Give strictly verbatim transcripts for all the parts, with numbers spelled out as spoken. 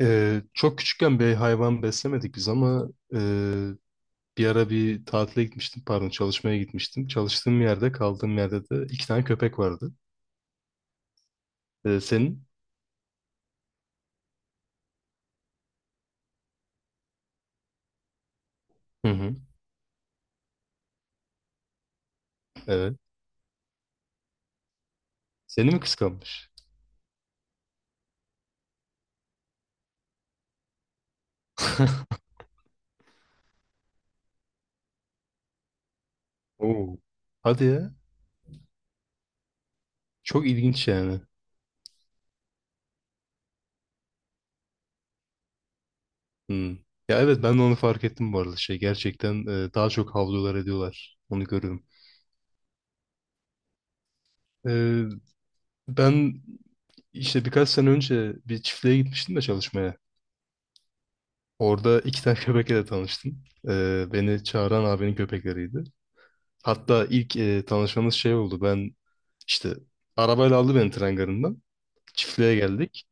Ee, çok küçükken bir hayvan beslemedik biz ama e, bir ara bir tatile gitmiştim, pardon çalışmaya gitmiştim. Çalıştığım yerde, kaldığım yerde de iki tane köpek vardı. Ee, senin? Hı hı. Evet. Seni mi kıskanmış? Oo. Hadi ya. Çok ilginç yani. Hmm. Ya evet, ben de onu fark ettim bu arada. Şey gerçekten e, daha çok havlular ediyorlar. Onu görüyorum. Ee, Ben işte birkaç sene önce bir çiftliğe gitmiştim de çalışmaya. Orada iki tane köpekle de tanıştım. Ee, beni çağıran abinin köpekleriydi. Hatta ilk e, tanışmamız şey oldu. Ben işte arabayla aldı beni tren garından. Çiftliğe geldik.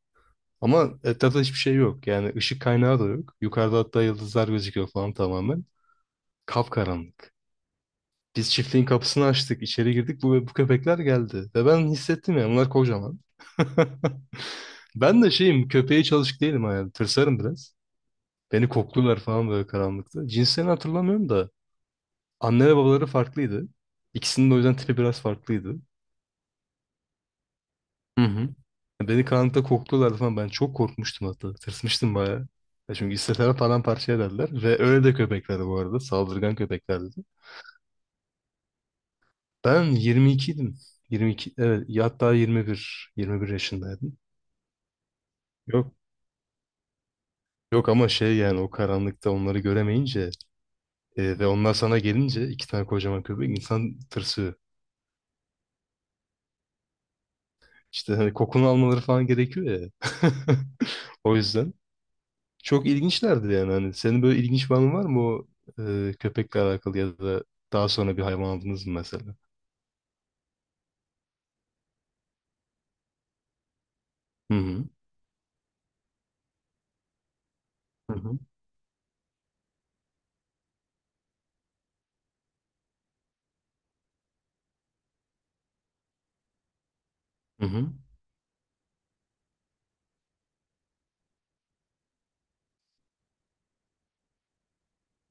Ama etrafta hiçbir şey yok. Yani ışık kaynağı da yok. Yukarıda hatta yıldızlar gözüküyor falan tamamen. Kapkaranlık. Biz çiftliğin kapısını açtık, içeri girdik. Bu, bu köpekler geldi. Ve ben hissettim ya, bunlar kocaman. Ben de şeyim, köpeğe çalışık değilim yani. Tırsarım biraz. Beni kokluyorlar falan böyle karanlıkta. Cinslerini hatırlamıyorum da. Anne ve babaları farklıydı. İkisinin de o yüzden tipi biraz farklıydı. Hı hı. Beni karanlıkta kokluyorlardı falan. Ben çok korkmuştum hatta. Tırsmıştım bayağı. Ya çünkü istesem paramparça ederler. Ve öyle de köpeklerdi bu arada. Saldırgan köpeklerdi. Ben yirmi ikiydim. yirmi iki, evet. Ya hatta yirmi bir. yirmi bir yaşındaydım. Yok. Yok ama şey, yani o karanlıkta onları göremeyince e, ve onlar sana gelince iki tane kocaman köpek, insan tırsıyor. İşte hani kokunu almaları falan gerekiyor ya. O yüzden. Çok ilginçlerdi yani. Hani senin böyle ilginç bir anın var mı o e, köpekle alakalı, ya da daha sonra bir hayvan aldınız mı mesela? Hı hı. Hı hı. Hı hı.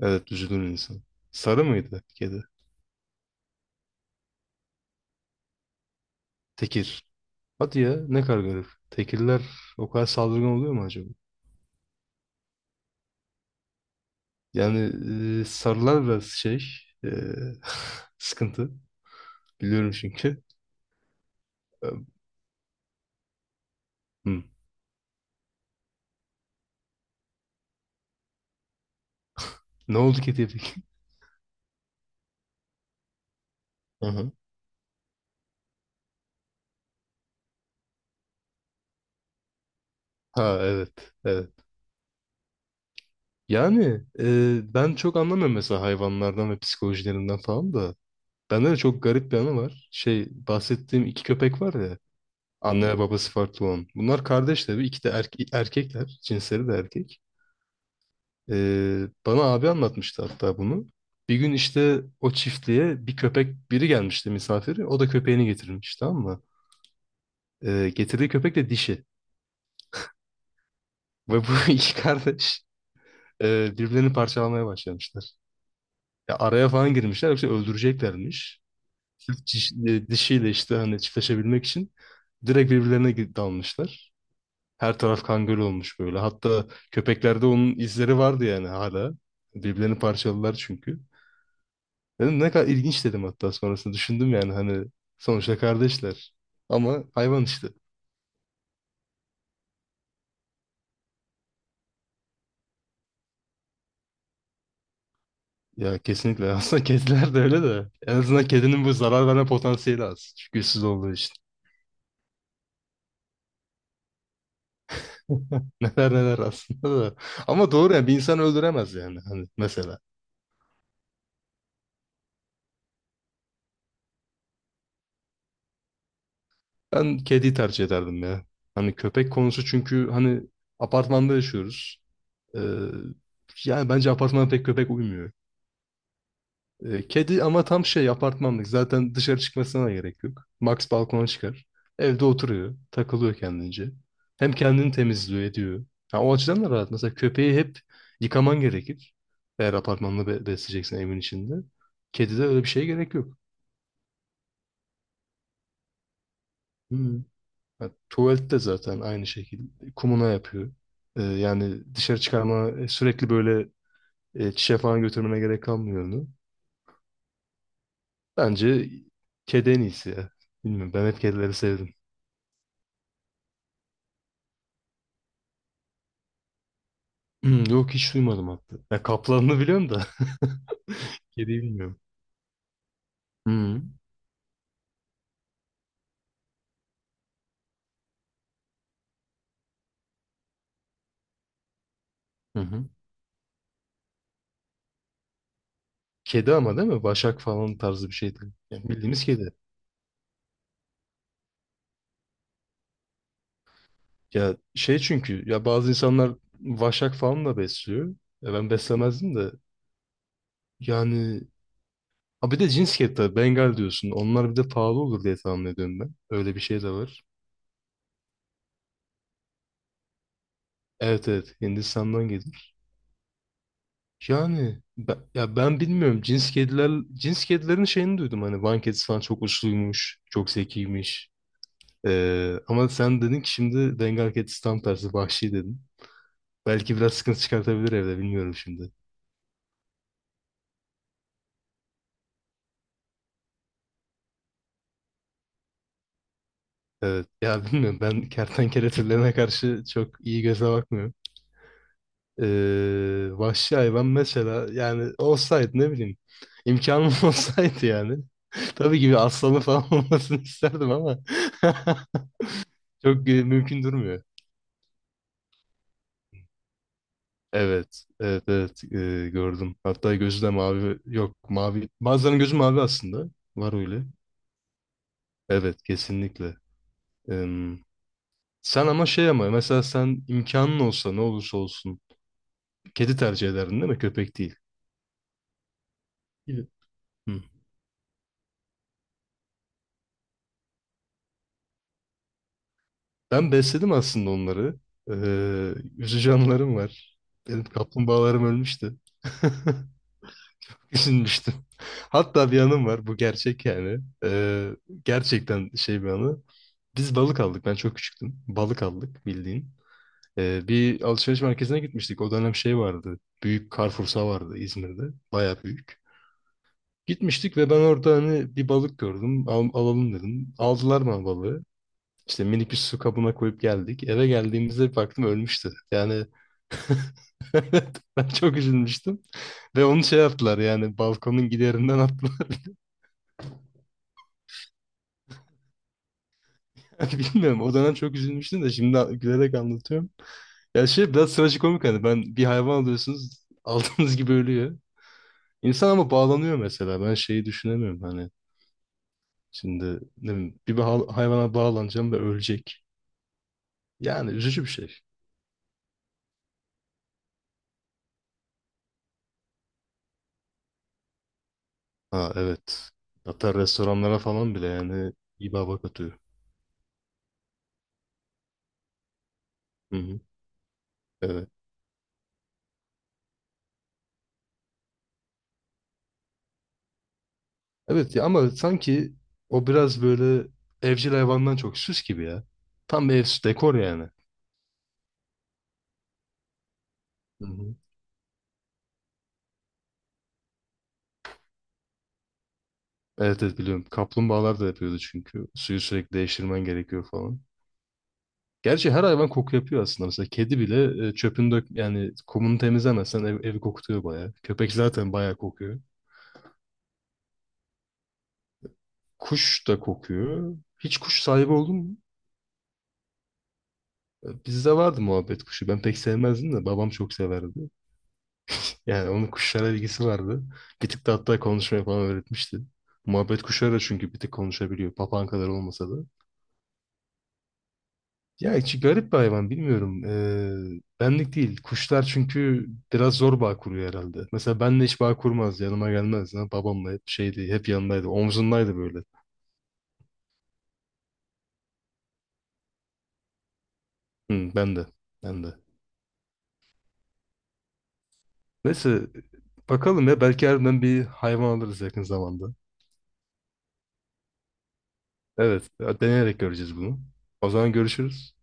Evet, üzülür insan. Sarı mıydı kedi? Tekir. Hadi ya, ne kadar garip. Tekirler o kadar saldırgan oluyor mu acaba? Yani e, sarılar biraz şey, e, sıkıntı. Biliyorum çünkü. E, Hı. Ne oldu kediye peki? Hı hı. Ha evet. Evet. Yani e, ben çok anlamıyorum mesela hayvanlardan ve psikolojilerinden falan da. Bende de çok garip bir anı var. Şey, bahsettiğim iki köpek var ya. Anne ve babası farklı olan. Bunlar kardeş tabii. İki de erke- erkekler. Cinsleri de erkek. Ee, bana abi anlatmıştı hatta bunu. Bir gün işte o çiftliğe bir köpek, biri gelmişti misafiri. O da köpeğini getirmiş, tamam mı? Ee, getirdiği köpek de dişi. Ve bu iki kardeş e, birbirlerini parçalamaya başlamışlar. Ya araya falan girmişler, yoksa öldüreceklermiş. Sırf ciş- e, dişiyle işte hani çiftleşebilmek için direkt birbirlerine gi- dalmışlar. Her taraf kanguru olmuş böyle. Hatta köpeklerde onun izleri vardı yani hala. Birbirlerini parçaladılar çünkü. Dedim ne kadar ilginç, dedim hatta sonrasında düşündüm, yani hani sonuçta kardeşler. Ama hayvan işte. Ya kesinlikle. Aslında kediler de öyle de. En azından kedinin bu zarar verme potansiyeli az. Çünkü güçsüz olduğu için. Neler neler aslında da. Ama doğru yani, bir insan öldüremez yani hani mesela. Ben kediyi tercih ederdim ya. Hani köpek konusu, çünkü hani apartmanda yaşıyoruz. Ee, Yani bence apartmana pek köpek uymuyor. Ee, kedi ama tam şey, apartmanlık. Zaten dışarı çıkmasına da gerek yok. Max balkona çıkar. Evde oturuyor. Takılıyor kendince. Hem kendini temizliyor ediyor. Ha, o açıdan da rahat. Mesela köpeği hep yıkaman gerekir. Eğer apartmanla be- besleyeceksen evin içinde. Kedide öyle bir şeye gerek yok. Hmm. Ha, tuvalette zaten aynı şekilde. Kumuna yapıyor. Ee, yani dışarı çıkarma, e, sürekli böyle e, çişe falan götürmene gerek kalmıyor onu. Bence kedi en iyisi ya. Bilmiyorum, ben hep kedileri sevdim. Hmm, yok, hiç duymadım hatta. Ya kaplanını biliyorum da kediyi bilmiyorum. Hı. Hı hı. Kedi ama değil mi? Başak falan tarzı bir şey değil. Yani bildiğimiz kedi. Ya şey, çünkü ya bazı insanlar vaşak falan da besliyor. Ya ben beslemezdim de yani. Ha, bir de cins kedi tabii, Bengal diyorsun. Onlar bir de pahalı olur diye tahmin ediyorum ben. Öyle bir şey de var. Evet, evet, Hindistan'dan geliyor. Yani ben, ya ben bilmiyorum, cins kediler cins kedilerin şeyini duydum hani. Van kedisi falan çok uçluymuş, çok zekiymiş. Ee, ama sen dedin ki şimdi, Bengal kedisi tam tersi vahşi dedin, belki biraz sıkıntı çıkartabilir evde, bilmiyorum şimdi. Evet ya, bilmiyorum, ben kertenkele türlerine karşı çok iyi göze bakmıyorum. Ee, vahşi hayvan mesela, yani olsaydı ne bileyim, imkanım olsaydı yani tabii ki bir aslanı falan olmasını isterdim ama çok e, mümkün durmuyor. Evet, evet, evet, e, gördüm. Hatta gözü de mavi. Yok, mavi. Bazılarının gözü mavi aslında. Var öyle. Evet, kesinlikle. Em, Sen ama şey, ama mesela sen imkanın olsa ne olursa olsun kedi tercih ederdin değil mi? Köpek değil. Evet. Hı. Ben besledim aslında onları. Ee, üzücü anılarım var. Benim kaplumbağalarım ölmüştü. Düşünmüştüm. Hatta bir anım var. Bu gerçek yani. Ee, gerçekten şey, bir anı. Biz balık aldık. Ben çok küçüktüm. Balık aldık bildiğin. Ee, bir alışveriş merkezine gitmiştik. O dönem şey vardı, Büyük Carrefour'sa vardı İzmir'de. Baya büyük. Gitmiştik ve ben orada hani bir balık gördüm. Al- alalım dedim. Aldılar bana balığı. İşte minik bir su kabına koyup geldik. Eve geldiğimizde bir baktım, ölmüştü. Yani ben çok üzülmüştüm. Ve onu şey yaptılar yani, balkonun giderinden attılar. Bilmiyorum. O dönem çok üzülmüştüm de şimdi a- gülerek anlatıyorum. Ya şey, biraz trajikomik hani, ben bir hayvan alıyorsunuz aldığınız gibi ölüyor. İnsan ama bağlanıyor mesela. Ben şeyi düşünemiyorum hani. Şimdi ne bileyim, bir ba- hayvana bağlanacağım ve ölecek. Yani üzücü bir şey. Ha evet. Hatta restoranlara falan bile yani iyi baba atıyor. Hı hı. Evet. Evet ya, ama sanki o biraz böyle evcil hayvandan çok süs gibi ya. Tam bir ev süs dekor yani. Hı hı. Evet, evet, biliyorum. Kaplumbağalar da yapıyordu çünkü. Suyu sürekli değiştirmen gerekiyor falan. Gerçi her hayvan koku yapıyor aslında. Mesela kedi bile, e, çöpünü dök yani, kumunu temizlemezsen ev, evi kokutuyor bayağı. Köpek zaten bayağı kokuyor. Kuş da kokuyor. Hiç kuş sahibi oldun mu? E, Bizde vardı muhabbet kuşu. Ben pek sevmezdim de babam çok severdi. Yani onun kuşlara ilgisi vardı. Bir tık da hatta konuşmayı falan öğretmişti. Muhabbet kuşları da çünkü bir tık konuşabiliyor. Papağan kadar olmasa da. Ya içi garip bir hayvan bilmiyorum. Ee, benlik değil. Kuşlar çünkü biraz zor bağ kuruyor herhalde. Mesela benle hiç bağ kurmaz. Yanıma gelmez. Ha, babamla hep şeydi. Hep yanındaydı. Omzundaydı böyle. Hı, ben de. Ben de. Neyse, bakalım ya. Belki harbiden bir hayvan alırız yakın zamanda. Evet. Deneyerek göreceğiz bunu. O zaman görüşürüz.